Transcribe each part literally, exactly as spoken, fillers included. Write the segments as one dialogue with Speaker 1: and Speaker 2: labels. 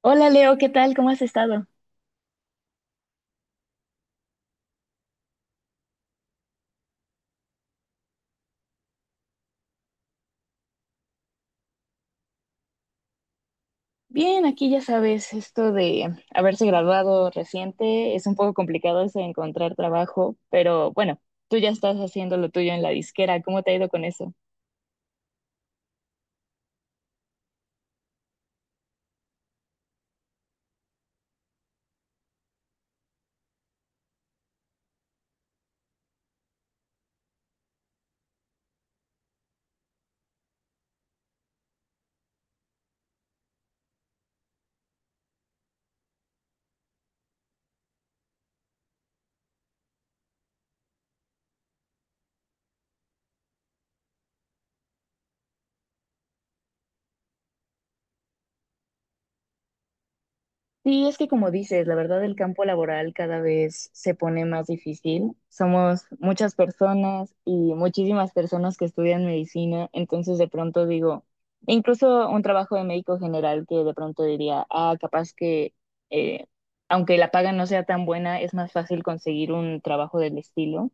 Speaker 1: Hola Leo, ¿qué tal? ¿Cómo has estado? Bien, aquí ya sabes, esto de haberse graduado reciente es un poco complicado eso de encontrar trabajo, pero bueno, tú ya estás haciendo lo tuyo en la disquera, ¿cómo te ha ido con eso? Sí, es que como dices, la verdad el campo laboral cada vez se pone más difícil. Somos muchas personas y muchísimas personas que estudian medicina, entonces de pronto digo, e incluso un trabajo de médico general que de pronto diría, ah, capaz que eh, aunque la paga no sea tan buena, es más fácil conseguir un trabajo del estilo.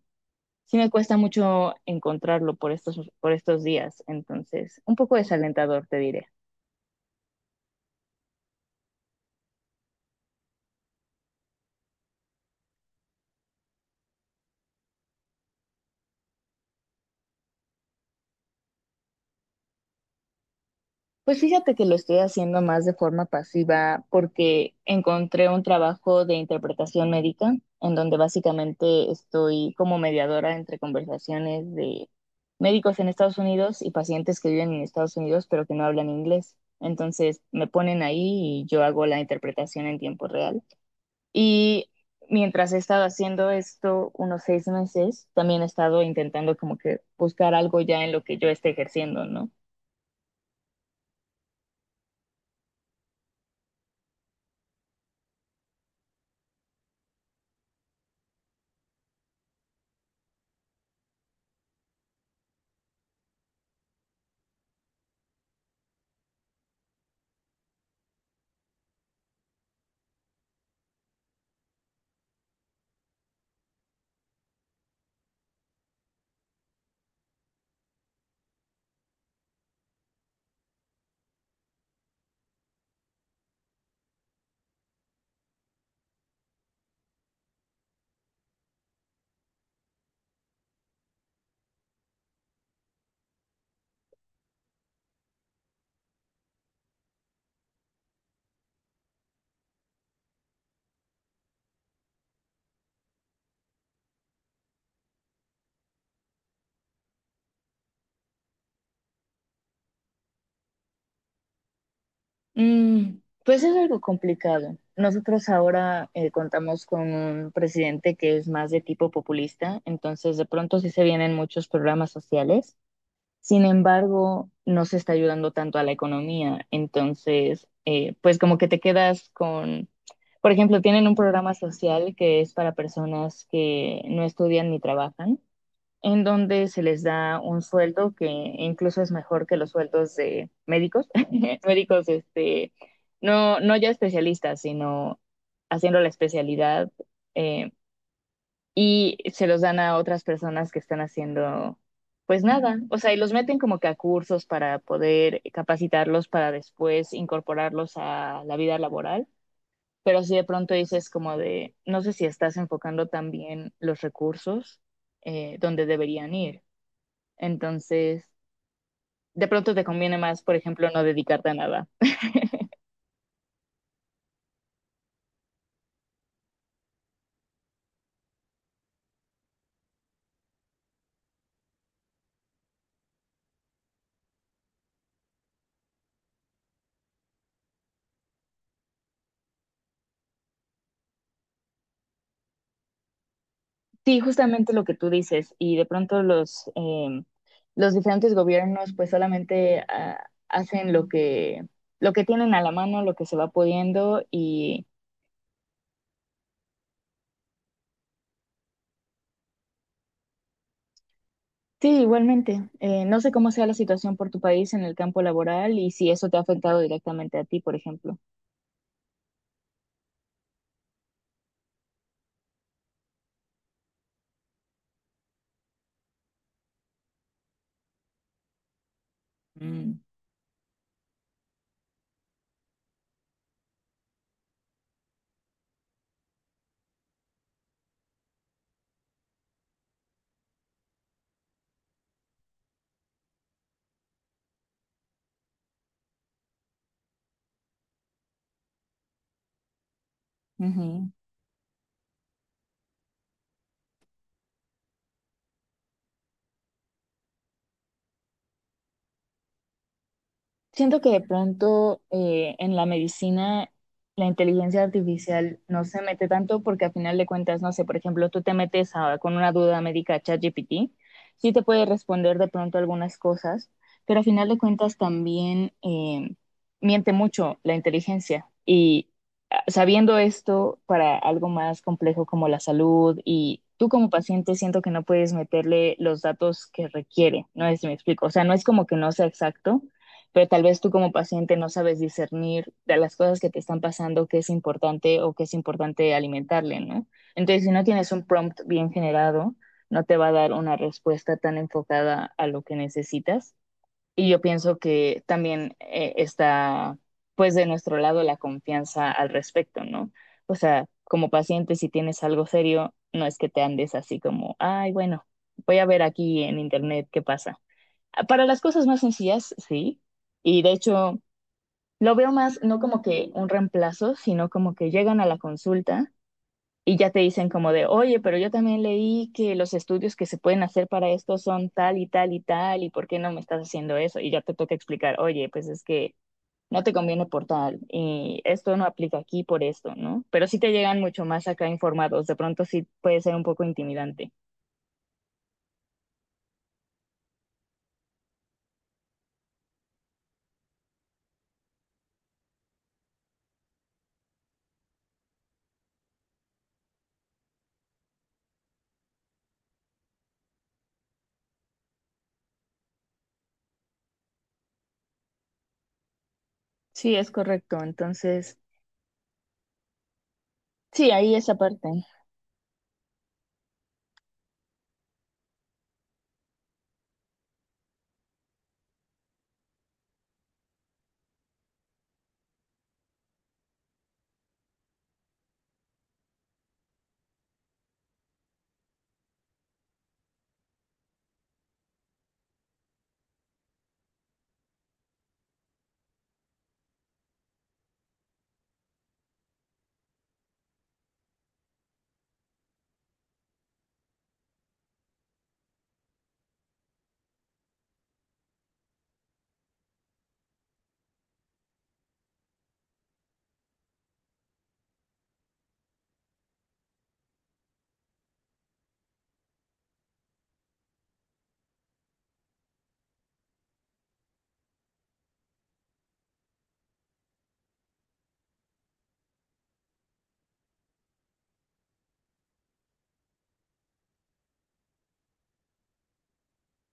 Speaker 1: Sí me cuesta mucho encontrarlo por estos, por estos días, entonces un poco desalentador, te diré. Pues fíjate que lo estoy haciendo más de forma pasiva porque encontré un trabajo de interpretación médica en donde básicamente estoy como mediadora entre conversaciones de médicos en Estados Unidos y pacientes que viven en Estados Unidos pero que no hablan inglés. Entonces me ponen ahí y yo hago la interpretación en tiempo real. Y mientras he estado haciendo esto unos seis meses, también he estado intentando como que buscar algo ya en lo que yo esté ejerciendo, ¿no? Mm, pues es algo complicado. Nosotros ahora eh, contamos con un presidente que es más de tipo populista, entonces de pronto sí se vienen muchos programas sociales. Sin embargo, no se está ayudando tanto a la economía, entonces eh, pues como que te quedas con, por ejemplo, tienen un programa social que es para personas que no estudian ni trabajan en donde se les da un sueldo que incluso es mejor que los sueldos de médicos, médicos, este, no, no ya especialistas, sino haciendo la especialidad, eh, y se los dan a otras personas que están haciendo, pues nada, o sea, y los meten como que a cursos para poder capacitarlos para después incorporarlos a la vida laboral. Pero si de pronto dices como de, no sé si estás enfocando también los recursos eh, donde deberían ir. Entonces, de pronto te conviene más, por ejemplo, no dedicarte a nada. Sí, justamente lo que tú dices, y de pronto los, eh, los diferentes gobiernos pues solamente ah, hacen lo que, lo que tienen a la mano, lo que se va pudiendo y sí, igualmente, eh, no sé cómo sea la situación por tu país en el campo laboral y si eso te ha afectado directamente a ti, por ejemplo. Mm, ujú. Siento que de pronto eh, en la medicina la inteligencia artificial no se mete tanto porque a final de cuentas, no sé, por ejemplo, tú te metes a- con una duda médica a ChatGPT, sí te puede responder de pronto algunas cosas, pero a final de cuentas también eh, miente mucho la inteligencia. Y ah, sabiendo esto para algo más complejo como la salud y tú como paciente siento que no puedes meterle los datos que requiere, no es si me explico, o sea, no es como que no sea exacto pero tal vez tú como paciente no sabes discernir de las cosas que te están pasando, qué es importante o qué es importante alimentarle, ¿no? Entonces, si no tienes un prompt bien generado, no te va a dar una respuesta tan enfocada a lo que necesitas. Y yo pienso que también eh, está, pues, de nuestro lado la confianza al respecto, ¿no? O sea, como paciente, si tienes algo serio, no es que te andes así como, ay, bueno, voy a ver aquí en internet qué pasa para las cosas más sencillas, sí. Y de hecho, lo veo más no como que un reemplazo, sino como que llegan a la consulta y ya te dicen como de, oye, pero yo también leí que los estudios que se pueden hacer para esto son tal y tal y tal, ¿y por qué no me estás haciendo eso? Y ya te toca explicar, oye, pues es que no te conviene por tal y esto no aplica aquí por esto, ¿no? Pero sí te llegan mucho más acá informados, de pronto sí puede ser un poco intimidante. Sí, es correcto. Entonces, sí, ahí esa parte.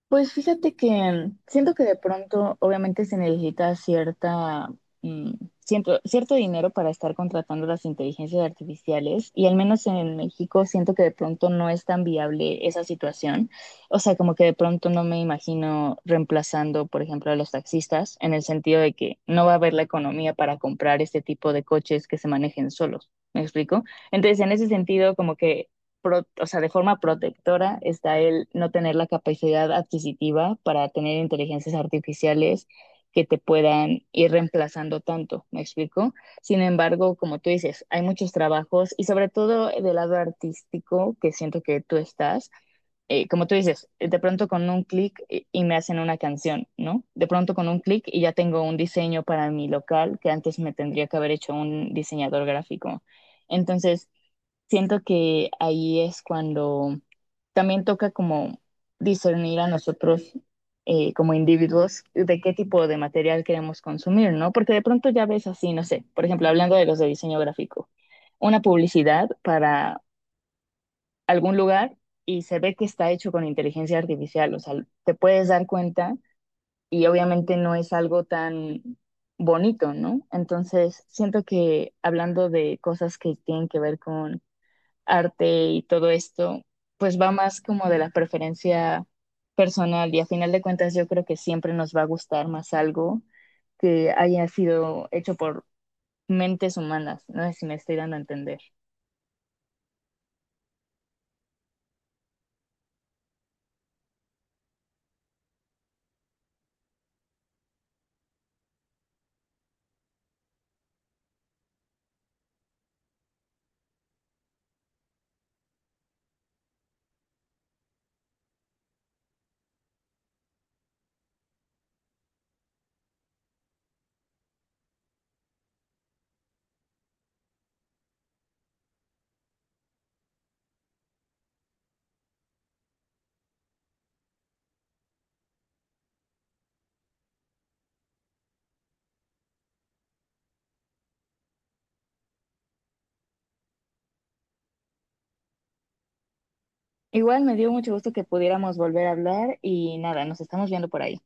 Speaker 1: Pues fíjate que siento que de pronto obviamente se necesita cierta, mm, ciento- cierto dinero para estar contratando las inteligencias artificiales y al menos en México siento que de pronto no es tan viable esa situación. O sea, como que de pronto no me imagino reemplazando, por ejemplo, a los taxistas en el sentido de que no va a haber la economía para comprar este tipo de coches que se manejen solos. ¿Me explico? Entonces, en ese sentido, como que pro, o sea, de forma protectora está el no tener la capacidad adquisitiva para tener inteligencias artificiales que te puedan ir reemplazando tanto, ¿me explico? Sin embargo, como tú dices, hay muchos trabajos y sobre todo del lado artístico que siento que tú estás, eh, como tú dices, eh, de pronto con un clic y y me hacen una canción, ¿no? De pronto con un clic y ya tengo un diseño para mi local que antes me tendría que haber hecho un diseñador gráfico. Entonces, siento que ahí es cuando también toca como discernir a nosotros eh, como individuos de qué tipo de material queremos consumir, ¿no? Porque de pronto ya ves así, no sé, por ejemplo, hablando de los de diseño gráfico, una publicidad para algún lugar y se ve que está hecho con inteligencia artificial, o sea, te puedes dar cuenta y obviamente no es algo tan bonito, ¿no? Entonces, siento que hablando de cosas que tienen que ver con arte y todo esto, pues va más como de la preferencia personal y a final de cuentas yo creo que siempre nos va a gustar más algo que haya sido hecho por mentes humanas, no sé si me estoy dando a entender. Igual me dio mucho gusto que pudiéramos volver a hablar y nada, nos estamos viendo por ahí.